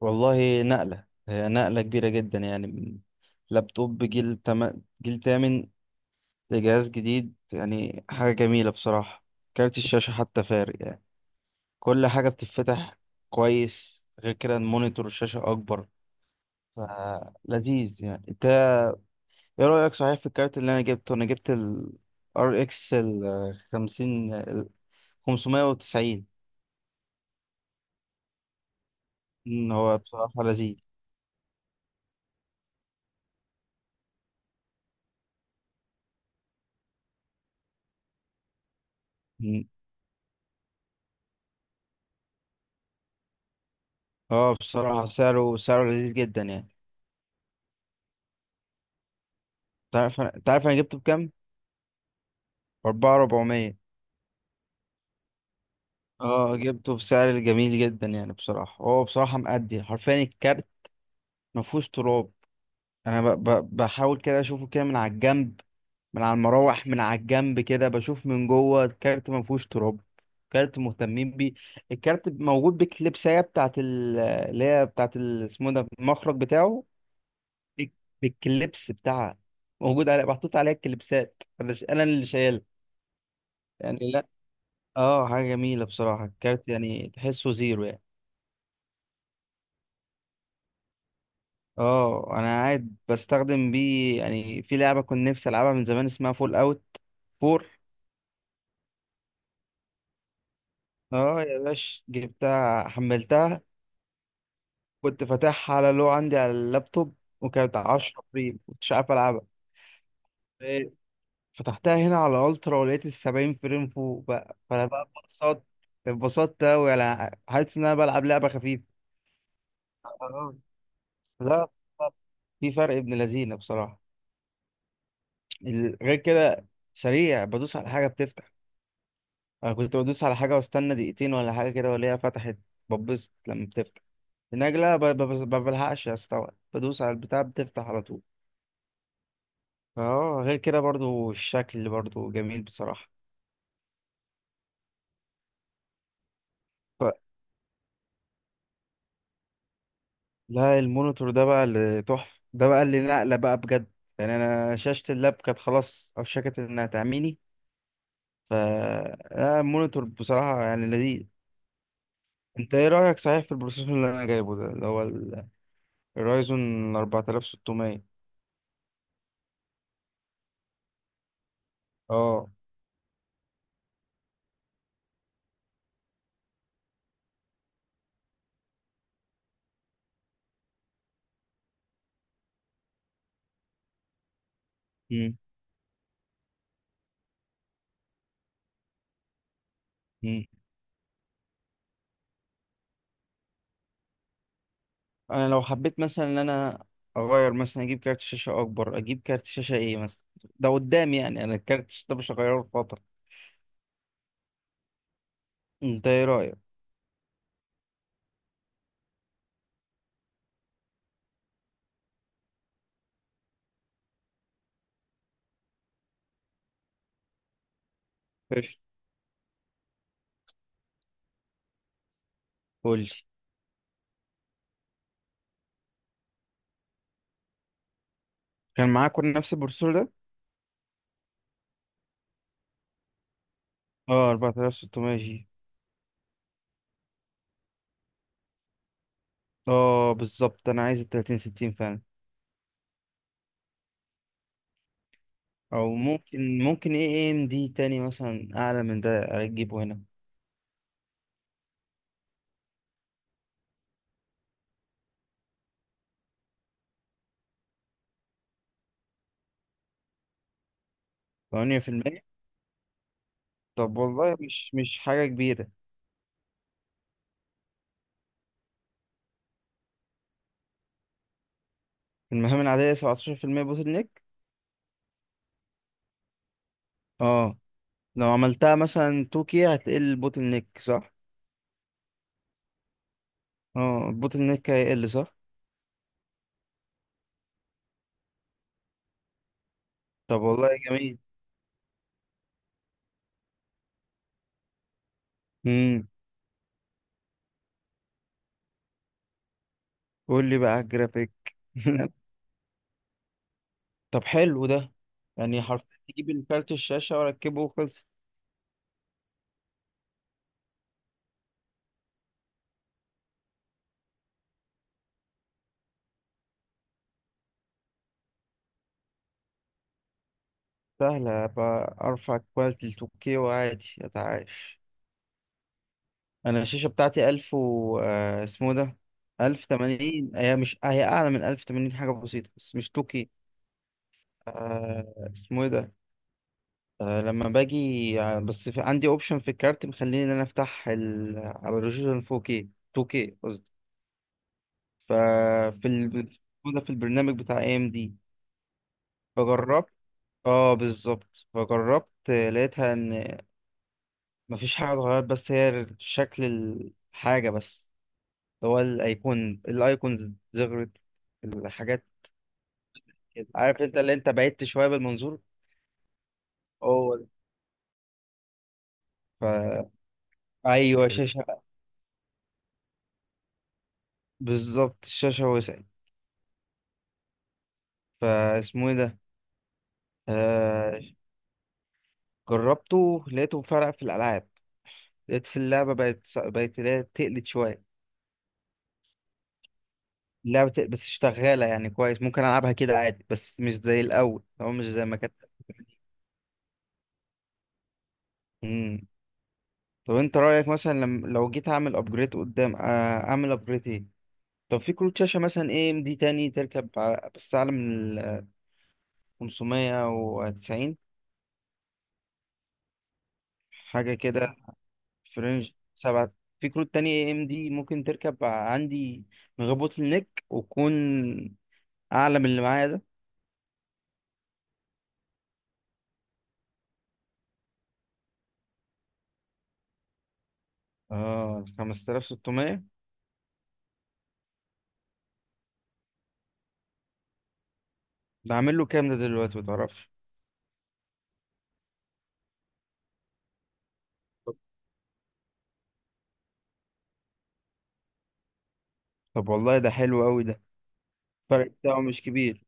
والله نقلة هي نقلة كبيرة جدا، يعني من لابتوب جيل تامن لجهاز جديد، يعني حاجة جميلة بصراحة. كارت الشاشة حتى فارق يعني، كل حاجة بتتفتح كويس. غير كده المونيتور الشاشة أكبر، فلذيذ يعني. انت ايه رأيك صحيح في الكارت اللي انا جبت ال RX ال 50 ال 590؟ مم، هو بصراحة لذيذ. مم. اه بصراحة سعره لذيذ جدا يعني. تعرف انا جبته بكام؟ 400. اه جبته بسعر جميل جدا يعني، بصراحة. هو بصراحة مأدي حرفيا، الكارت مفهوش تراب. أنا بحاول كده أشوفه كده من على الجنب، من على المراوح، من على الجنب كده، بشوف من جوه الكارت مفهوش تراب. كارت مهتمين بيه. الكارت موجود بالكليبسية بتاعت ال... اللي هي بتاعت ال... اسمه ده المخرج بتاعه، بال- بالكليبس بتاعها، موجود على محطوط عليها الكليبسات. أنا اللي شايلها، يعني. لا، اه حاجة جميلة بصراحة الكارت، يعني تحسه زيرو يعني. اه، انا قاعد بستخدم بيه يعني في لعبه كنت نفسي العبها من زمان، اسمها فول اوت 4. اه يا باش، جبتها حملتها. كنت فاتحها على، لو عندي على اللابتوب، وكانت 10 فريم مش عارف العبها. إيه، فتحتها هنا على الترا، ولقيت ال 70 فريم فوق، بقى فانا بقى اتبسطت. اتبسطت اوي، انا حاسس ان انا بلعب لعبه خفيفه. آه. لا، في فرق ابن لذينه بصراحه. غير كده سريع، بدوس على حاجه بتفتح. انا كنت بدوس على حاجه واستنى دقيقتين ولا حاجه كده، والاقيها فتحت، ببص لما بتفتح النجله. ما بلحقش استوعب، بدوس على البتاع بتفتح على طول. اه غير كده برضو الشكل برضو جميل بصراحه. ف... لا، المونيتور ده بقى اللي تحفه، ده بقى اللي نقله بقى بجد. يعني انا شاشه اللاب كانت خلاص اوشكت انها تعميني. ف لا، المونيتور بصراحه يعني لذيذ. انت ايه رايك صحيح في البروسيسور اللي انا جايبه ده، اللي هو الرايزون 4600؟ اه. مم. انا لو حبيت مثلا ان انا اغير، مثلا اجيب كارت شاشه اكبر، اجيب كارت شاشه ايه مثلا ده قدام، يعني انا الكارت الشاشه ده مش هغيره في فتره. انت ايه رايك؟ ماشي. قول لي. كان معاك كل نفس البروسيسور ده؟ اه، 4600 جي. اه بالظبط، انا عايز ال 3060 فعلا. او ممكن ايه ام دي تاني مثلا اعلى من ده، اجيبه هنا. 8%؟ طب والله مش حاجه كبيره. المهام العاديه 17% بوتل نيك؟ اه، لو عملتها مثلا 2K هتقل البوتل نيك صح؟ اه، البوتل نيك هيقل صح. طب والله جميل. امم. قول لي بقى على الجرافيك. طب حلو ده، يعني حرفيا تجيب الكارت الشاشة واركبه وخلص. سهلة بقى، ارفع كواليتي ل 2K وعادي اتعايش. انا الشاشة بتاعتي 1000 و اسمه ده، 1080. هي مش، هي اعلى من 1080 حاجة بسيطة بس مش 2K. اسمه ايه ده؟ لما باجي، بس في... عندي اوبشن في الكارت مخليني ان انا افتح ال... على ريزولوشن 4K 2K. ففي ال... موجودة في البرنامج بتاع اي ام دي. فجربت. اه بالظبط، فجربت، لقيتها ان مفيش حاجة اتغيرت، بس هي شكل الحاجة بس. هو الايكونز زغرت، الحاجات كده عارف، انت اللي انت بعدت شوية بالمنظور. هو ده. ف ايوه، شاشة بالظبط الشاشة وسعت. فاسمه ايه ده؟ آه... جربته لقيته فرق في الالعاب. لقيت في اللعبة بقت اللي هي تقلت شوية. لعبة بس شغالة يعني كويس، ممكن ألعبها كده عادي بس مش زي الأول أو مش زي ما كانت. مم. طب أنت رأيك مثلا، لم... لو جيت أعمل أبجريد قدام، أعمل أبجريد إيه؟ طب في كروت شاشة مثلا إيه إم دي تاني تركب، بس أعلى من ال 590 حاجة كده، في رينج سبعة. في كروت تانية إيه إم دي ممكن تركب عندي من غير بوتل نيك وتكون أعلى من اللي معايا ده؟ 5600. بعمل له كام ده دلوقتي، متعرفش؟ طب والله ده حلو أوي ده، الفرق بتاعه مش كبير.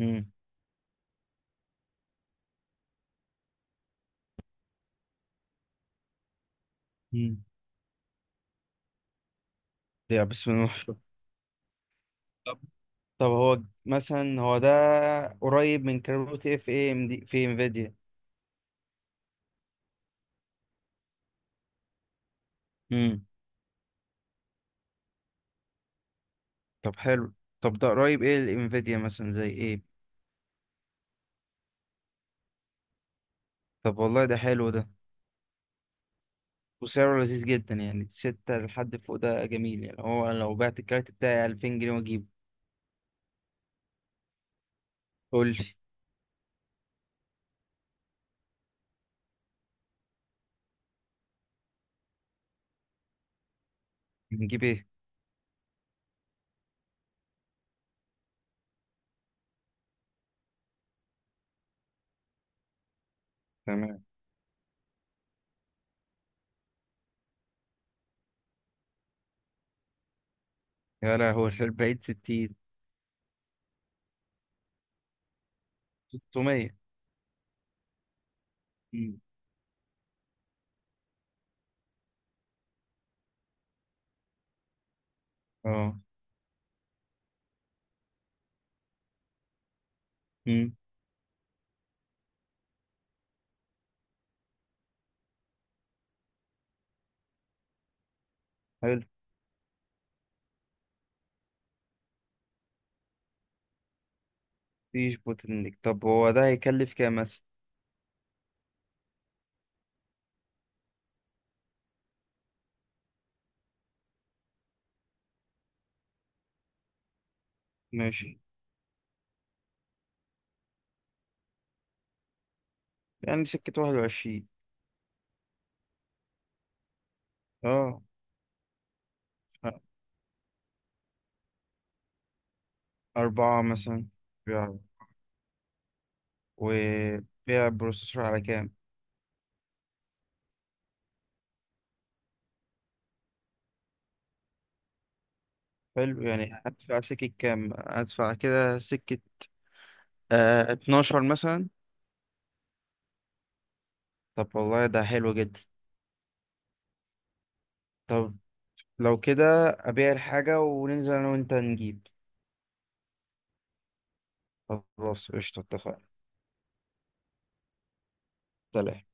امم. مم. يا بسم الله ما شاء الله. طب طب هو مثلا هو ده قريب من كروت اف اي ام دي في انفيديا؟ امم. طب حلو. طب ده قريب ايه الانفيديا مثلا زي ايه؟ طب والله ده حلو ده، وسعره لذيذ جدا يعني. ستة لحد فوق ده جميل يعني، هو لو بعت الكارت بتاعي 2000 جنيه واجيبه. قول لي. نجيب ايه؟ تمام. يا لهوي البعيد 60؟ 600. مم. اه. امم. حلو. مفيش بوتل نيك. طب هو ده هيكلف كام مثلا؟ ماشي. يعني سكة 21؟ اه. أربعة مثلا. بيع. وبيع بروسيسور على كام؟ حلو، يعني هدفع سكة كام؟ هدفع كده سكة 12 مثلا. طب والله ده حلو جدا. طب، لو كده أبيع الحاجة وننزل أنا وأنت نجيب. خلاص قشطة، اتفقنا. سلام.